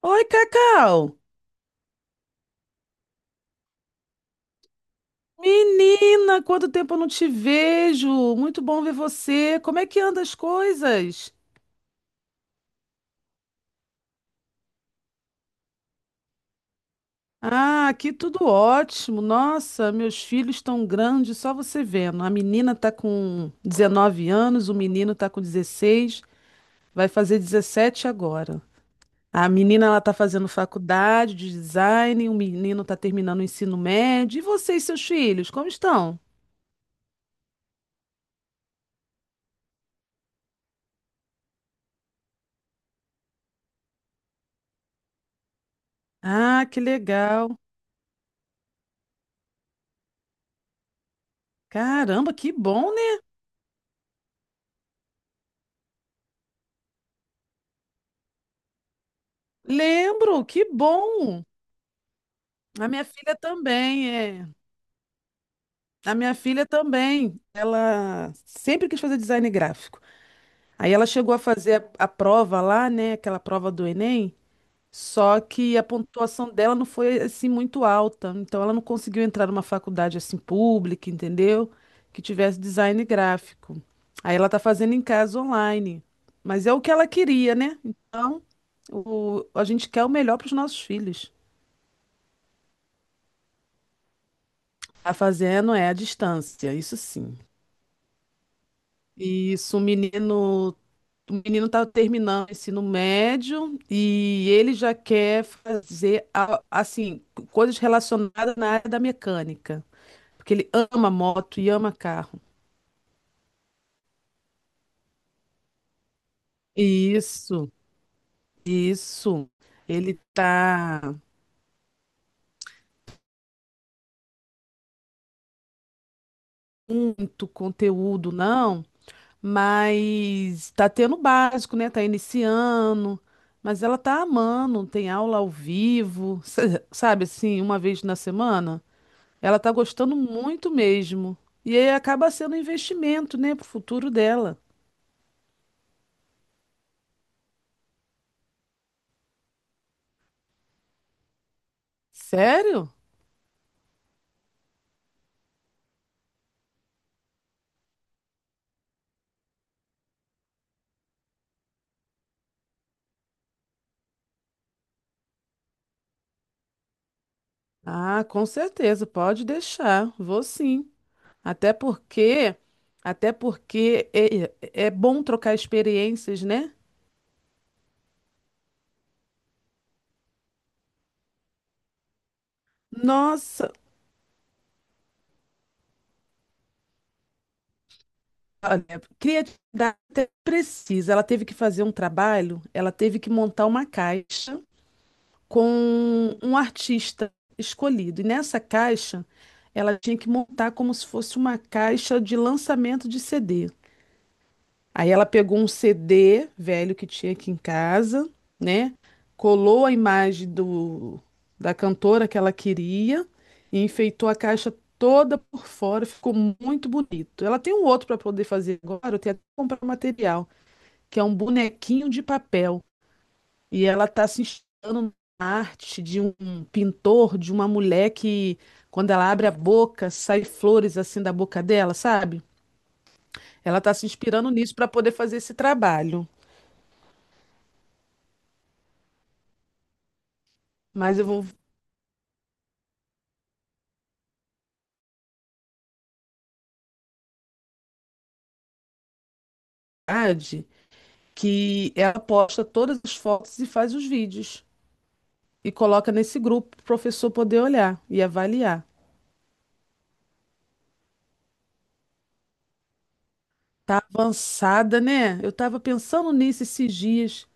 Oi, Cacau! Menina, quanto tempo eu não te vejo! Muito bom ver você. Como é que anda as coisas? Ah, aqui tudo ótimo. Nossa, meus filhos estão grandes, só você vendo. A menina tá com 19 anos, o menino tá com 16, vai fazer 17 agora. A menina ela tá fazendo faculdade de design, o menino tá terminando o ensino médio. E vocês, seus filhos, como estão? Ah, que legal. Caramba, que bom, né? Lembro, que bom! A minha filha também, é. A minha filha também, ela sempre quis fazer design gráfico. Aí ela chegou a fazer a prova lá, né, aquela prova do Enem, só que a pontuação dela não foi assim muito alta, então ela não conseguiu entrar numa faculdade assim pública, entendeu? Que tivesse design gráfico. Aí ela tá fazendo em casa online, mas é o que ela queria, né? Então, a gente quer o melhor para os nossos filhos. Tá fazendo é a distância, isso sim. E isso, o menino tá terminando o ensino médio e ele já quer fazer assim, coisas relacionadas na área da mecânica, porque ele ama moto e ama carro. Isso, isso. Ele tá muito conteúdo, não? Mas tá tendo o básico, né? Tá iniciando, mas ela tá amando, tem aula ao vivo, sabe assim, uma vez na semana. Ela tá gostando muito mesmo. E aí acaba sendo um investimento, né, pro futuro dela. Sério? Ah, com certeza, pode deixar. Vou sim. Até porque, até porque é bom trocar experiências, né? Nossa, criatividade até precisa. Ela teve que fazer um trabalho, ela teve que montar uma caixa com um artista escolhido. E nessa caixa, ela tinha que montar como se fosse uma caixa de lançamento de CD. Aí ela pegou um CD velho que tinha aqui em casa, né? Colou a imagem do, da cantora que ela queria e enfeitou a caixa toda por fora, ficou muito bonito. Ela tem um outro para poder fazer agora, eu tenho até que comprar o material que é um bonequinho de papel. E ela está se inspirando na arte de um pintor, de uma mulher que, quando ela abre a boca, sai flores assim da boca dela, sabe? Ela está se inspirando nisso para poder fazer esse trabalho. Mas eu vou verdade que ela posta todas as fotos e faz os vídeos e coloca nesse grupo para o professor poder olhar e avaliar. Tá avançada, né? Eu estava pensando nisso esses dias.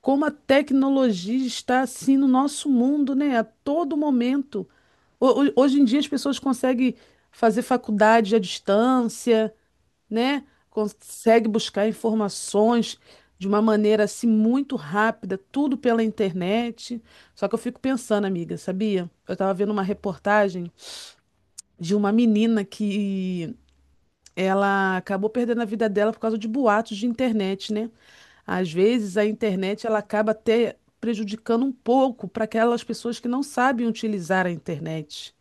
Como a tecnologia está assim no nosso mundo, né? A todo momento. Hoje em dia as pessoas conseguem fazer faculdade à distância, né? Consegue buscar informações de uma maneira assim muito rápida, tudo pela internet. Só que eu fico pensando, amiga, sabia? Eu estava vendo uma reportagem de uma menina que ela acabou perdendo a vida dela por causa de boatos de internet, né? Às vezes a internet ela acaba até prejudicando um pouco para aquelas pessoas que não sabem utilizar a internet,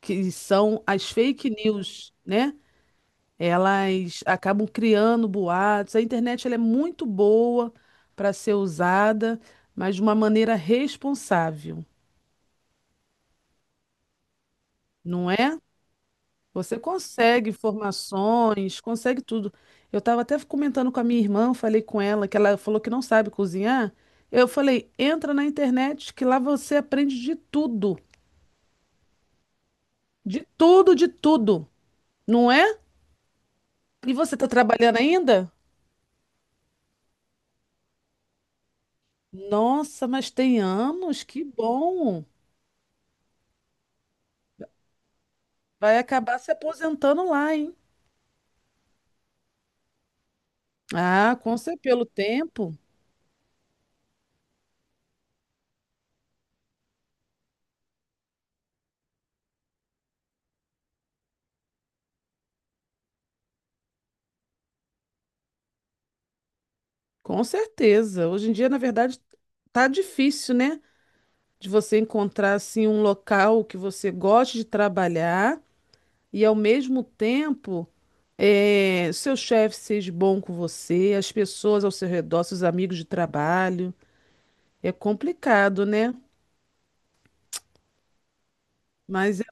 que são as fake news, né? Elas acabam criando boatos. A internet ela é muito boa para ser usada, mas de uma maneira responsável, não é? Você consegue informações, consegue tudo. Eu estava até comentando com a minha irmã, falei com ela que ela falou que não sabe cozinhar. Eu falei, entra na internet que lá você aprende de tudo, de tudo, de tudo, não é? E você está trabalhando ainda? Nossa, mas tem anos, que bom. Vai acabar se aposentando lá, hein? Ah, com certeza, pelo tempo, com certeza. Hoje em dia, na verdade, tá difícil, né? De você encontrar assim um local que você goste de trabalhar e ao mesmo tempo seu chefe seja bom com você, as pessoas ao seu redor, seus amigos de trabalho. É complicado, né? Mas é-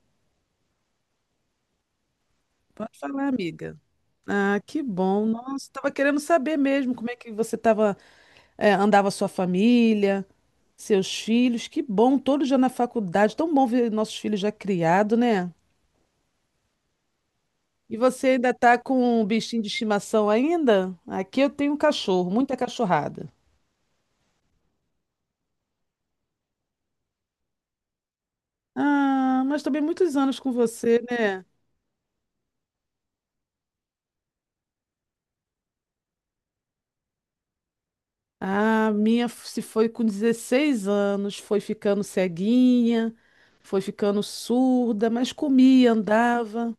Pode falar, amiga. Ah, que bom. Nossa, estava querendo saber mesmo como é que você tava, andava a sua família, seus filhos. Que bom, todos já na faculdade. Tão bom ver nossos filhos já criados, né? E você ainda tá com um bichinho de estimação ainda? Aqui eu tenho um cachorro, muita cachorrada. Ah, mas também muitos anos com você, né? Ah, se foi com 16 anos, foi ficando ceguinha, foi ficando surda, mas comia, andava.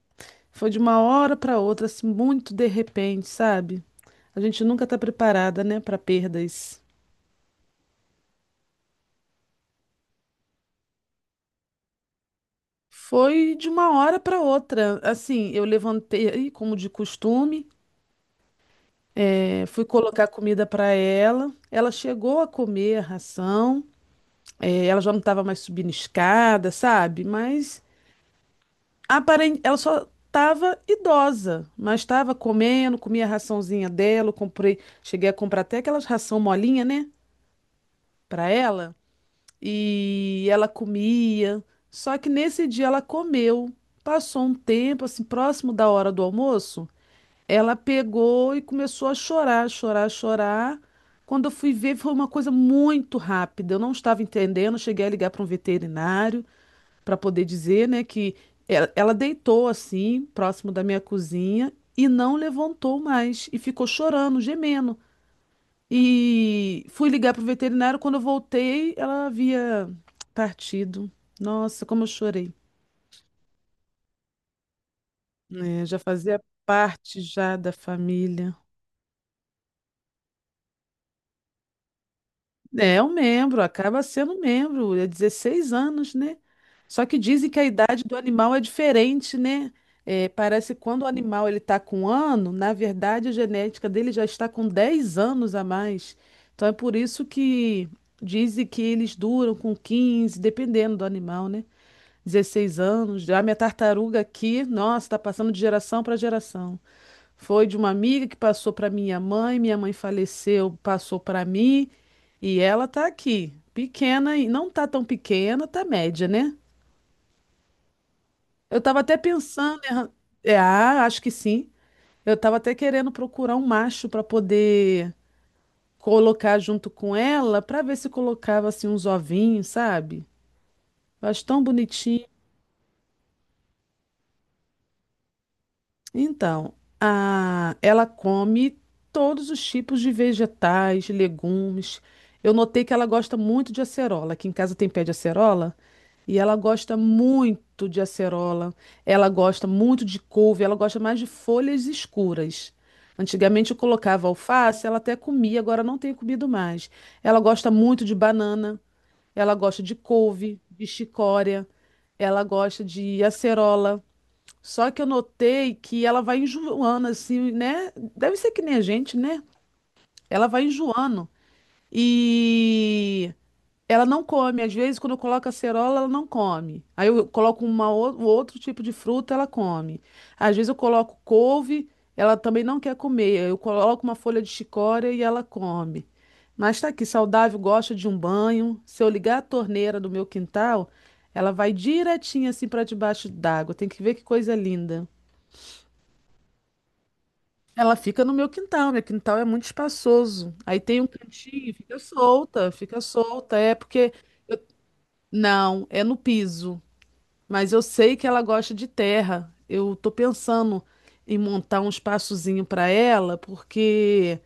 Foi de uma hora para outra, assim, muito de repente, sabe? A gente nunca tá preparada, né, para perdas. Foi de uma hora para outra. Assim, eu levantei, como de costume. É, fui colocar comida para ela. Ela chegou a comer a ração. É, ela já não estava mais subindo escada, sabe? Mas aparente, ela só estava idosa, mas estava comendo, comia a raçãozinha dela. Eu comprei, cheguei a comprar até aquelas ração molinha, né? Para ela. E ela comia. Só que nesse dia ela comeu. Passou um tempo, assim, próximo da hora do almoço. Ela pegou e começou a chorar, chorar, chorar. Quando eu fui ver, foi uma coisa muito rápida. Eu não estava entendendo. Cheguei a ligar para um veterinário para poder dizer, né, que ela deitou assim, próximo da minha cozinha, e não levantou mais. E ficou chorando, gemendo. E fui ligar para o veterinário. Quando eu voltei, ela havia partido. Nossa, como eu chorei. É, já fazia parte já da família. É um membro, acaba sendo um membro, é 16 anos, né? Só que dizem que a idade do animal é diferente, né? É, parece que quando o animal ele está com um ano, na verdade a genética dele já está com 10 anos a mais. Então é por isso que dizem que eles duram com 15 dependendo do animal, né? 16 anos. Já minha tartaruga aqui, nossa, está passando de geração para geração. Foi de uma amiga que passou para minha mãe faleceu, passou para mim, e ela tá aqui, pequena e não tá tão pequena, tá média, né? Eu tava até pensando, em é, ah, acho que sim. Eu tava até querendo procurar um macho para poder colocar junto com ela, para ver se colocava assim uns ovinhos, sabe? Eu acho tão bonitinho. Então, ela come todos os tipos de vegetais, legumes. Eu notei que ela gosta muito de acerola. Aqui em casa tem pé de acerola e ela gosta muito de acerola. Ela gosta muito de couve, ela gosta mais de folhas escuras. Antigamente eu colocava alface, ela até comia, agora não tem comido mais. Ela gosta muito de banana, ela gosta de couve, de chicória, ela gosta de acerola. Só que eu notei que ela vai enjoando, assim, né? Deve ser que nem a gente, né? Ela vai enjoando. E ela não come. Às vezes, quando eu coloco acerola, ela não come. Aí eu coloco um outro tipo de fruta, ela come. Às vezes, eu coloco couve, ela também não quer comer. Eu coloco uma folha de chicória e ela come. Mas tá aqui, saudável, gosta de um banho. Se eu ligar a torneira do meu quintal, ela vai direitinho assim para debaixo d'água. Tem que ver que coisa linda. Ela fica no meu quintal é muito espaçoso. Aí tem um cantinho, fica solta, fica solta. É porque. Não, é no piso. Mas eu sei que ela gosta de terra. Eu tô pensando em montar um espaçozinho para ela, porque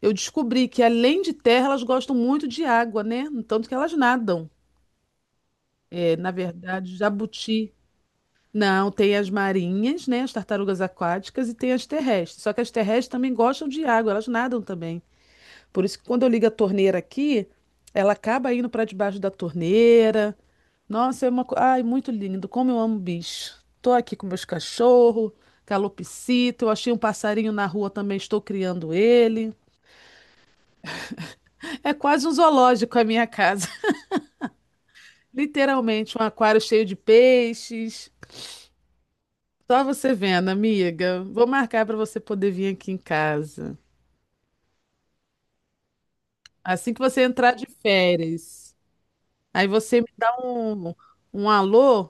eu descobri que além de terra, elas gostam muito de água, né? Tanto que elas nadam. É, na verdade, jabuti. Não, tem as marinhas, né? As tartarugas aquáticas e tem as terrestres. Só que as terrestres também gostam de água, elas nadam também. Por isso que quando eu ligo a torneira aqui, ela acaba indo para debaixo da torneira. Nossa, é uma coisa. Ai, muito lindo. Como eu amo bicho. Tô aqui com meus cachorros, calopsita. Eu achei um passarinho na rua também, estou criando ele. É quase um zoológico a minha casa. Literalmente, um aquário cheio de peixes. Só você vendo, amiga. Vou marcar para você poder vir aqui em casa. Assim que você entrar de férias. Aí você me dá um alô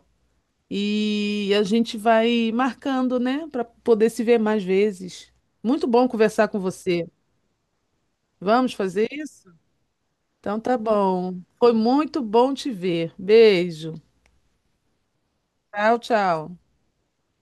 e a gente vai marcando, né, para poder se ver mais vezes. Muito bom conversar com você. Vamos fazer isso? Então tá bom. Foi muito bom te ver. Beijo. Tchau, tchau.